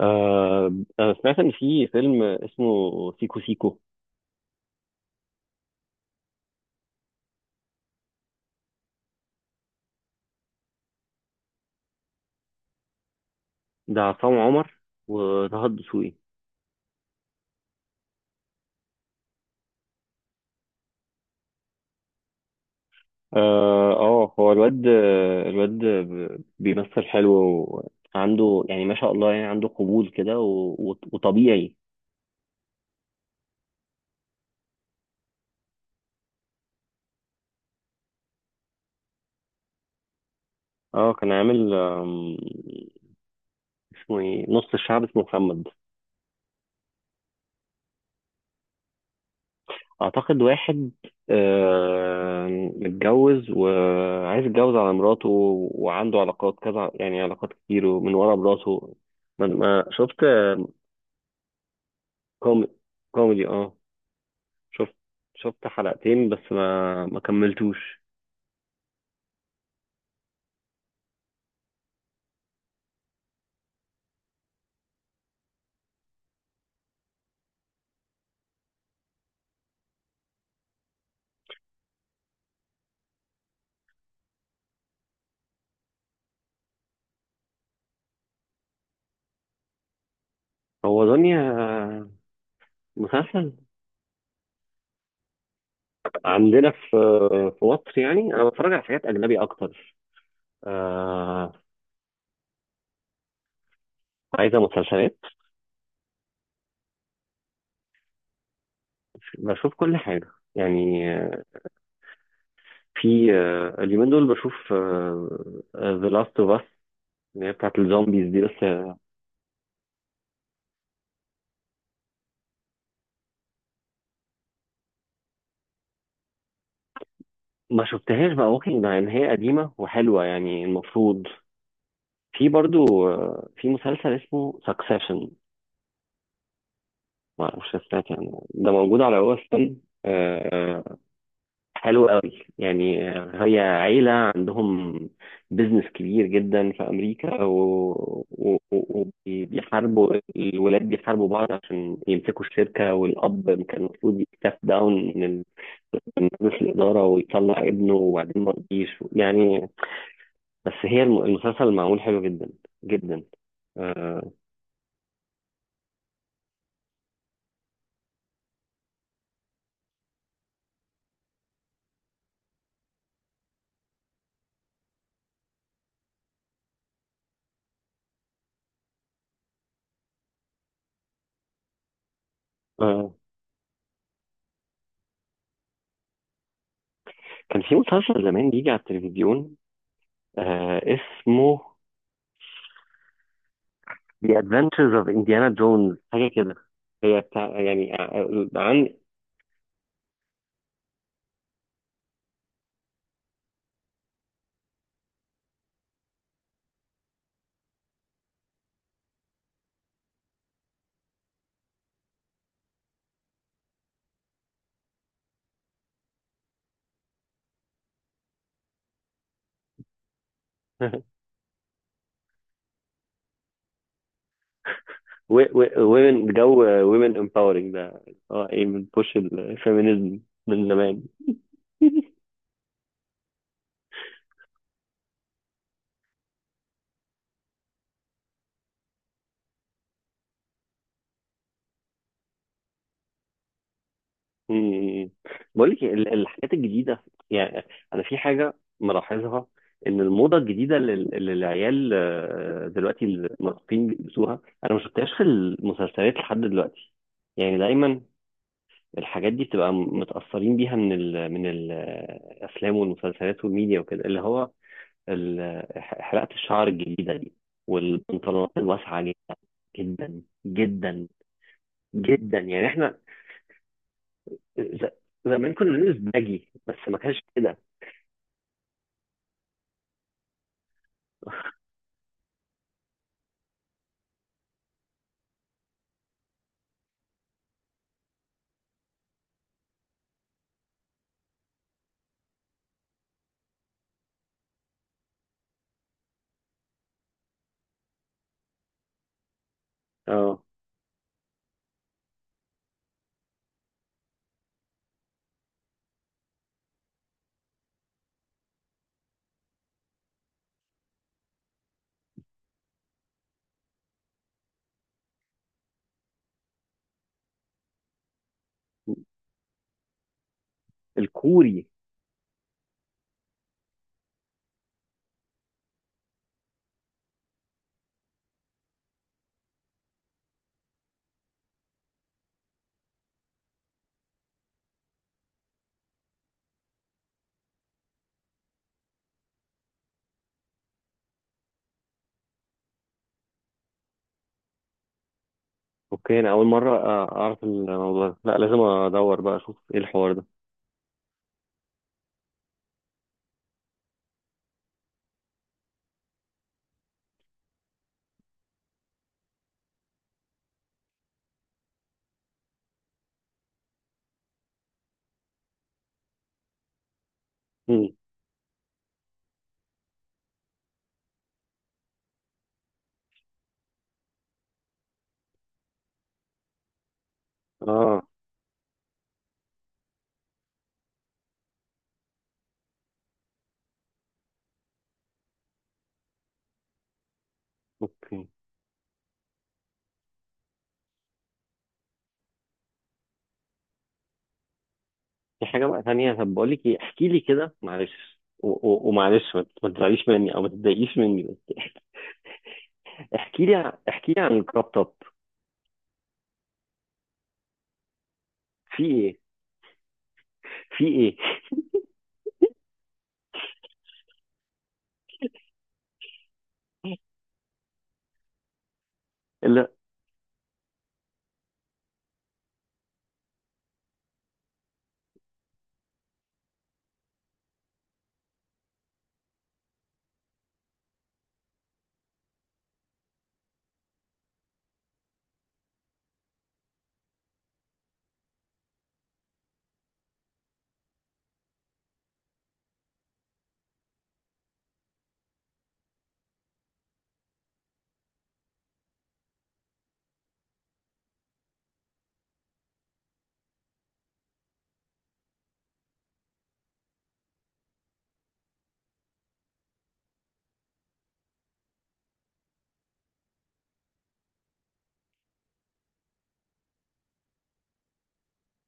آه، أنا سمعت إن في فيلم اسمه سيكو سيكو. ده عصام عمر وطه الدسوقي. آه آه، هو الواد بيمثل حلو، وعنده يعني ما شاء الله يعني عنده قبول كده وطبيعي. اه كان عامل اسمه ايه؟ نص الشعب اسمه محمد. اعتقد واحد آه، متجوز وعايز يتجوز على مراته، وعنده علاقات كذا يعني علاقات كتير ومن ورا مراته. شفت؟ كوميدي، كوميدي اه. شفت حلقتين بس ما كملتوش. هو دنيا مسلسل. عندنا في مصر يعني انا بتفرج على حاجات اجنبي اكتر. آه، عايزه مسلسلات. بشوف كل حاجه، يعني في اليومين دول بشوف ذا لاست اوف اس، اللي هي بتاعت الزومبيز دي. بس آه، ما شفتهاش بقى، ممكن مع ان هي قديمه وحلوه يعني المفروض. في برضو في مسلسل اسمه سكسيشن. لا مش هستاك، يعني ده موجود على هو ستون. حلو قوي يعني. هي عيلة عندهم بيزنس كبير جدا في أمريكا، وبيحاربوا الولاد، بيحاربوا بعض عشان يمسكوا الشركة. والأب كان المفروض يستاف داون من من مجلس الإدارة ويطلع ابنه، وبعدين ما رضيش يعني. بس هي المسلسل معمول حلو جدا جدا. آه آه، كان في مسلسل زمان بيجي على التلفزيون، آه اسمه The Adventures of Indiana Jones حاجة كده. هي بتاع يعني، عن ومن جو، ومن empowering ده. اه، ايه بتبوش الفيمينيزم من زمان؟ مم. بقول لك الحاجات الجديدة، يعني أنا في حاجة ملاحظها، إن الموضة الجديدة اللي العيال دلوقتي المراهقين بيلبسوها أنا ما شفتهاش في المسلسلات لحد دلوقتي. يعني دايما الحاجات دي بتبقى متأثرين بيها من من الأفلام والمسلسلات والميديا وكده، اللي هو حلقة الشعر الجديدة دي، والبنطلونات الواسعة جدا جدا جدا جدا يعني. احنا ز- زمان كنا بنلبس باجي بس ما كانش كده. اه، الكوري. اوكي انا اول مرة اعرف الموضوع ده، لا لازم ادور بقى اشوف ايه الحوار ده. مم. اه. اوكي، في حاجة بقى تانية. طب بقول لك ايه، احكي لي كده معلش ومعلش ما تزعليش مني او ما تتضايقيش مني، بس احكي لي احكي لي عن الكراب توب. في ايه؟ في ايه لا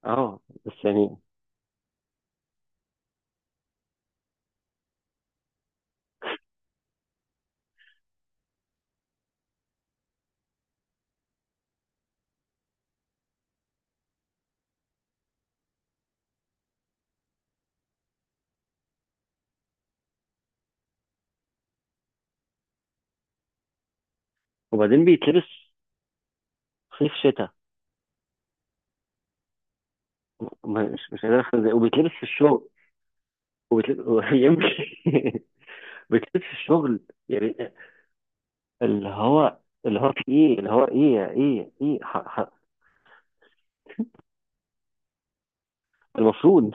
اه بس يعني. وبعدين بيتلبس صيف شتاء. مش قادر افهم ازاي، وبيتلبس في الشغل، وبيتلبس يمكن، بيتلبس في الشغل، يعني اللي هو اللي هو في ايه، اللي هو ايه ايه ايه ح... ح... المفروض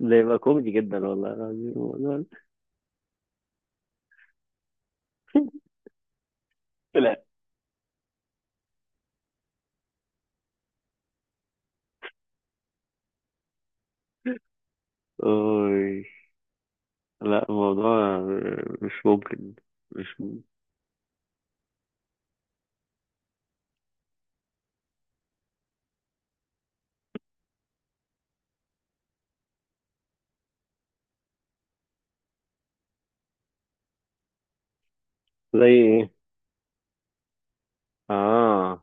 ده يبقى كوميدي جدا والله العظيم. لا أوي. لا الموضوع مش ممكن. مش م- زي ايه؟ اه،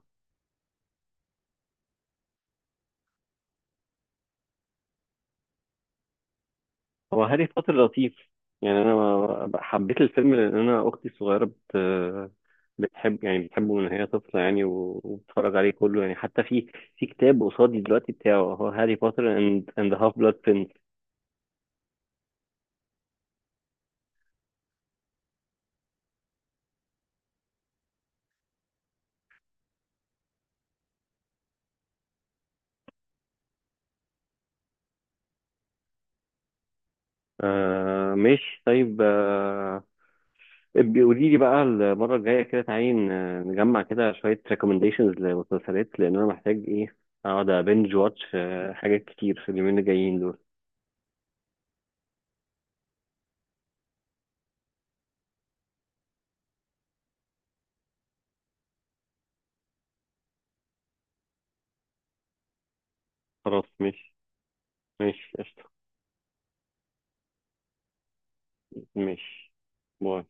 هو هاري بوتر لطيف يعني، انا حبيت الفيلم لان انا اختي الصغيره بتحب، يعني بتحبه من هي طفله يعني، وبتتفرج عليه كله يعني، حتى في في كتاب قصادي دلوقتي بتاعه هو هاري بوتر اند هاف بلاد برنس. آه ماشي، طيب آه، بيقولي لي بقى المرة الجاية كده تعالي نجمع كده شوية recommendations لمسلسلات، لأن أنا محتاج إيه، أقعد أبنج واتش حاجات كتير في اليومين الجايين دول. خلاص ماشي، ماشي قشطة، ماشي، باي.